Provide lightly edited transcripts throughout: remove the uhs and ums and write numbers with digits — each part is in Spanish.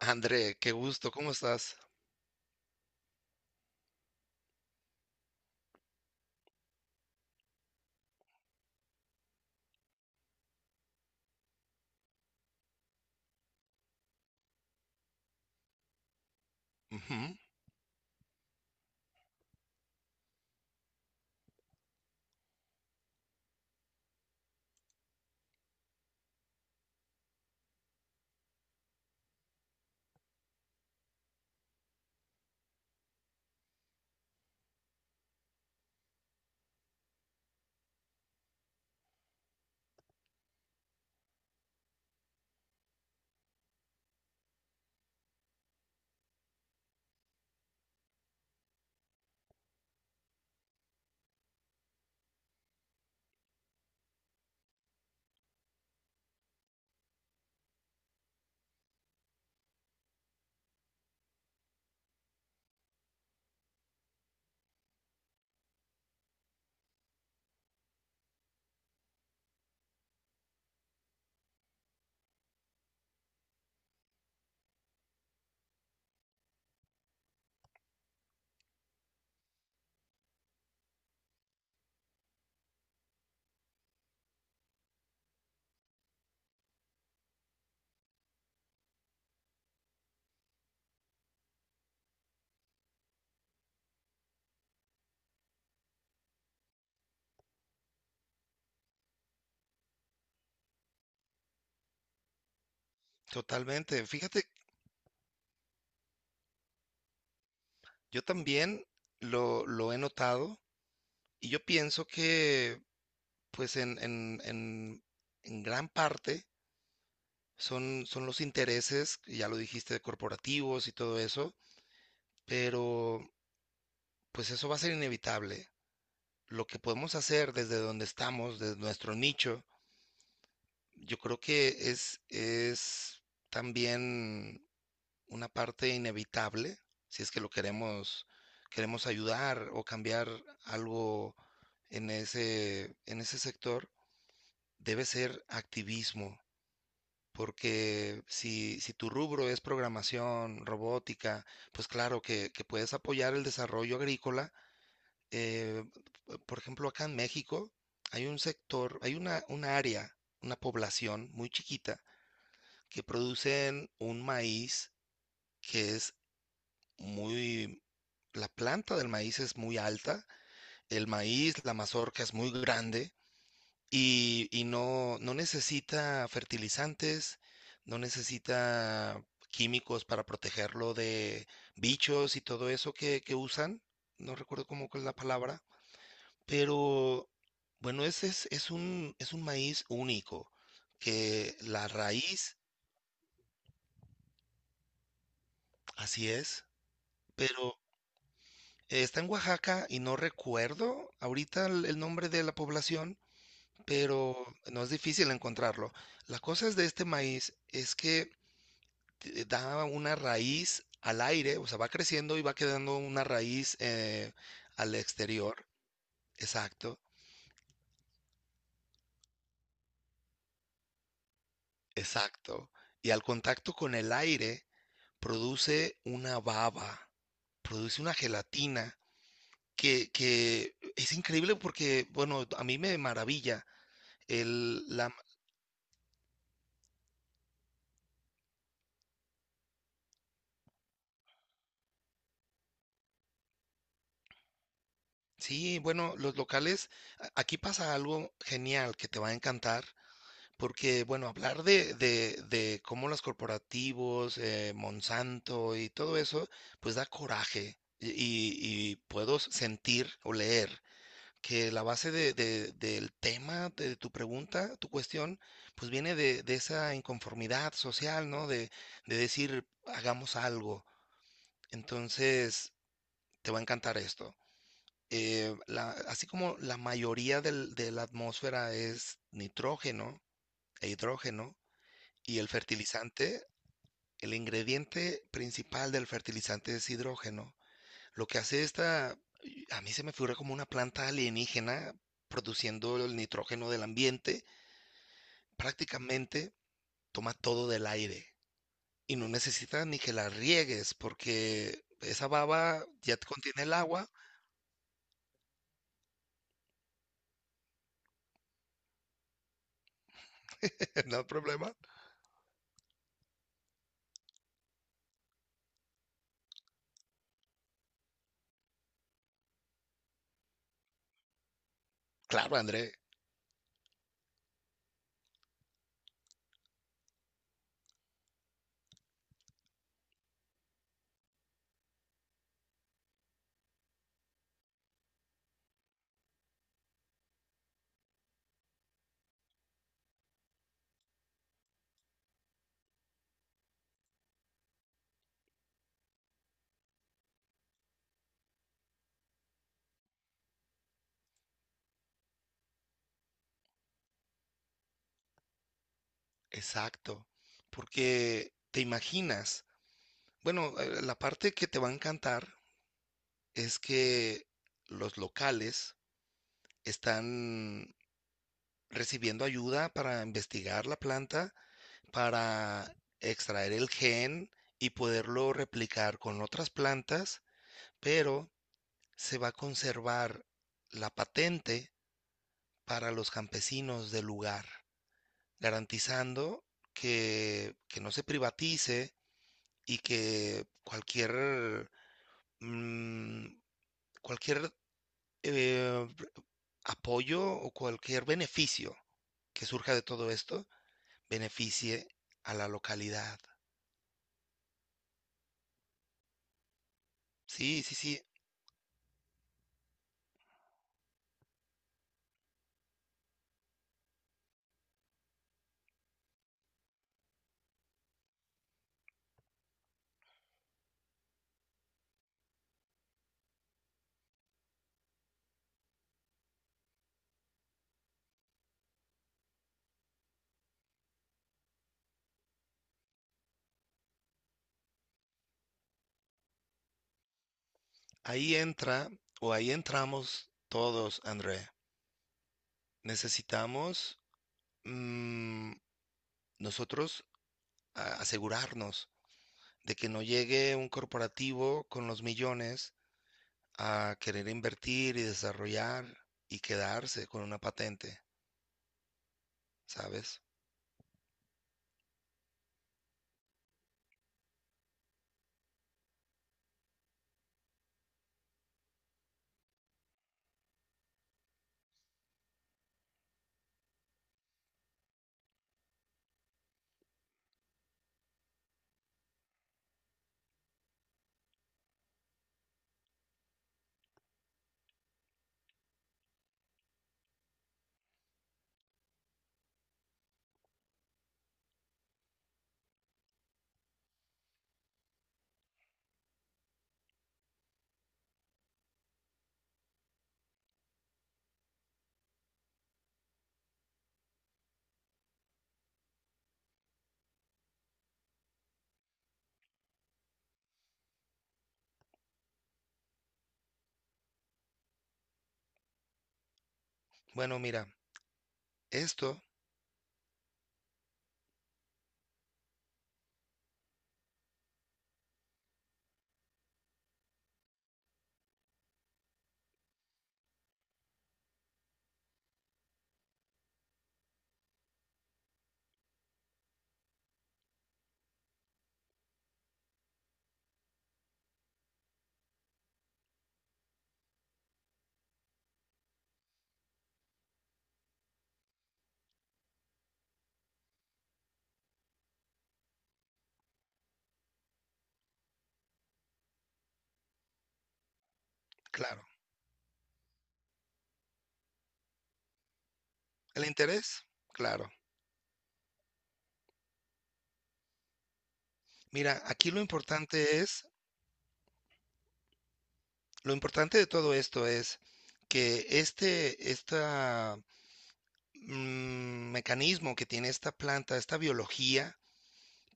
André, qué gusto, ¿cómo estás? Ujú, totalmente. Fíjate, yo también lo he notado y yo pienso que, pues, en gran parte son los intereses, ya lo dijiste, de corporativos y todo eso, pero pues eso va a ser inevitable. Lo que podemos hacer desde donde estamos, desde nuestro nicho, yo creo que es también una parte inevitable, si es que lo queremos, queremos ayudar o cambiar algo en ese sector, debe ser activismo, porque si tu rubro es programación, robótica, pues claro que puedes apoyar el desarrollo agrícola. Eh, por ejemplo, acá en México hay un sector, hay una, un área, una población muy chiquita que producen un maíz que es muy, la planta del maíz es muy alta, el maíz, la mazorca es muy grande y no, no necesita fertilizantes, no necesita químicos para protegerlo de bichos y todo eso que usan. No recuerdo cómo es la palabra, pero bueno, ese es un maíz único, que la raíz, así es, pero está en Oaxaca y no recuerdo ahorita el nombre de la población, pero no es difícil encontrarlo. La cosa es de este maíz es que te da una raíz al aire, o sea, va creciendo y va quedando una raíz al exterior. Exacto, exacto. Y al contacto con el aire produce una baba, produce una gelatina que es increíble porque, bueno, a mí me maravilla el, la sí, bueno, los locales, aquí pasa algo genial que te va a encantar, porque, bueno, hablar de cómo los corporativos, Monsanto y todo eso, pues da coraje. Y, y puedo sentir o leer que la base del tema, de tu pregunta, tu cuestión, pues viene de esa inconformidad social, ¿no? De decir, hagamos algo. Entonces, te va a encantar esto así como la mayoría de la atmósfera es nitrógeno e hidrógeno, y el fertilizante, el ingrediente principal del fertilizante es hidrógeno. Lo que hace esta, y a mí se me figura como una planta alienígena produciendo el nitrógeno del ambiente, prácticamente toma todo del aire y no necesita ni que la riegues porque esa baba ya contiene el agua, no hay problema. Claro, André. Exacto, porque te imaginas, bueno, la parte que te va a encantar es que los locales están recibiendo ayuda para investigar la planta, para extraer el gen y poderlo replicar con otras plantas, pero se va a conservar la patente para los campesinos del lugar, garantizando que no se privatice y que cualquier, mm, cualquier eh, apoyo o cualquier beneficio que surja de todo esto beneficie a la localidad. Sí, sí, sí. Ahí entra o ahí entramos todos, André. Necesitamos mm, nosotros asegurarnos de que no llegue un corporativo con los millones a querer invertir y desarrollar y quedarse con una patente. ¿Sabes? Bueno, mira, esto, claro. El interés, claro. Mira, aquí lo importante es, lo importante de todo esto es que esta mecanismo que tiene esta planta, esta biología,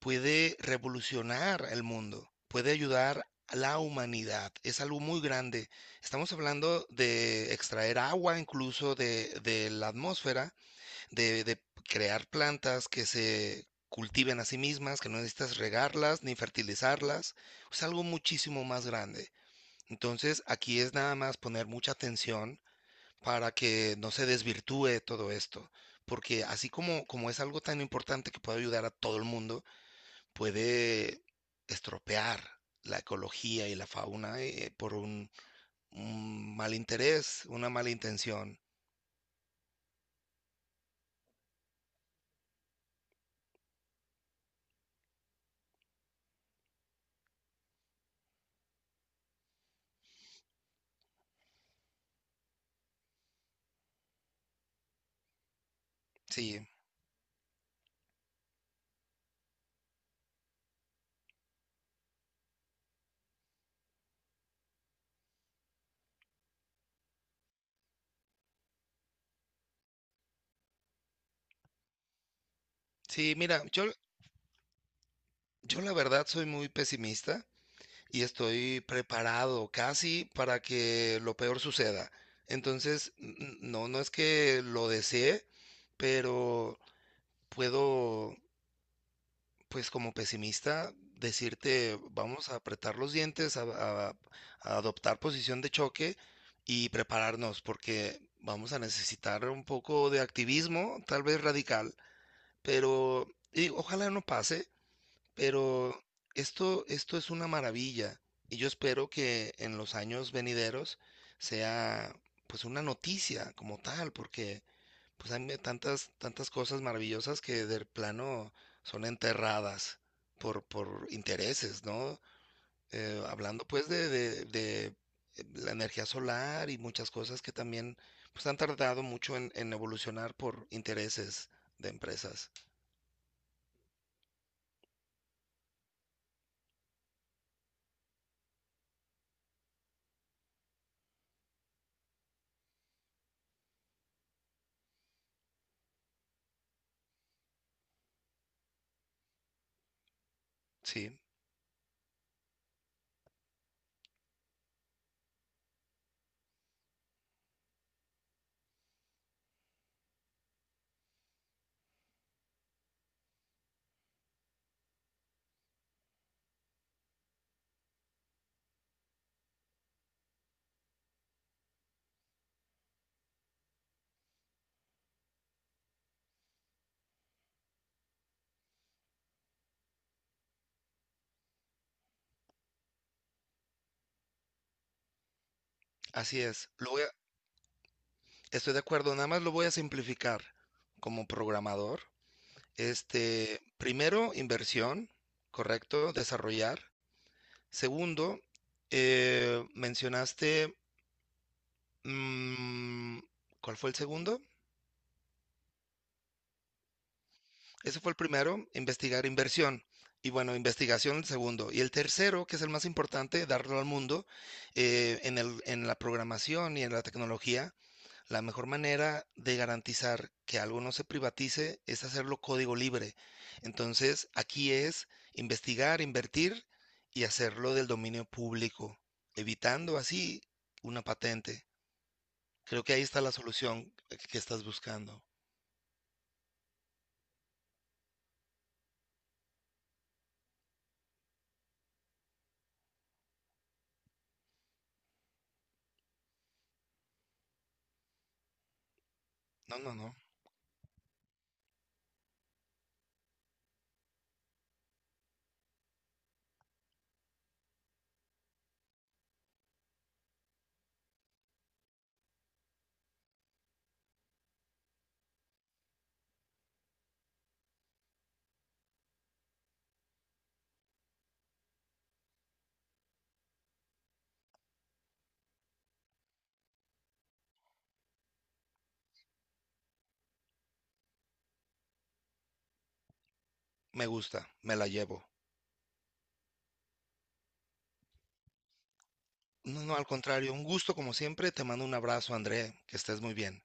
puede revolucionar el mundo, puede ayudar a la humanidad. Es algo muy grande. Estamos hablando de extraer agua incluso de la atmósfera de crear plantas que se cultiven a sí mismas, que no necesitas regarlas ni fertilizarlas, es algo muchísimo más grande. Entonces, aquí es nada más poner mucha atención para que no se desvirtúe todo esto, porque así como, como es algo tan importante que puede ayudar a todo el mundo, puede estropear la ecología y la fauna por un mal interés, una mala intención. Sí, sí, mira, yo yo la verdad soy muy pesimista y estoy preparado casi para que lo peor suceda. Entonces, no, no es que lo desee, pero puedo, pues como pesimista, decirte, vamos a apretar los dientes, a, a adoptar posición de choque y prepararnos, porque vamos a necesitar un poco de activismo, tal vez radical, pero y ojalá no pase. Pero esto es una maravilla y yo espero que en los años venideros sea pues una noticia como tal, porque pues hay tantas, tantas cosas maravillosas que del plano son enterradas por intereses, ¿no? Hablando pues la energía solar y muchas cosas que también pues han tardado mucho en evolucionar por intereses de empresas. Sí, así es. Lo voy a- estoy de acuerdo, nada más lo voy a simplificar como programador. Este, primero, inversión, correcto, desarrollar. Segundo, mencionaste, mm, ¿cuál fue el segundo? Ese fue el primero, investigar inversión. Y bueno, investigación el segundo. Y el tercero, que es el más importante, darlo al mundo en en la programación y en la tecnología, la mejor manera de garantizar que algo no se privatice es hacerlo código libre. Entonces, aquí es investigar, invertir y hacerlo del dominio público, evitando así una patente. Creo que ahí está la solución que estás buscando. No, no, no. Me gusta, me la llevo. No, no, al contrario, un gusto como siempre. Te mando un abrazo, André. Que estés muy bien.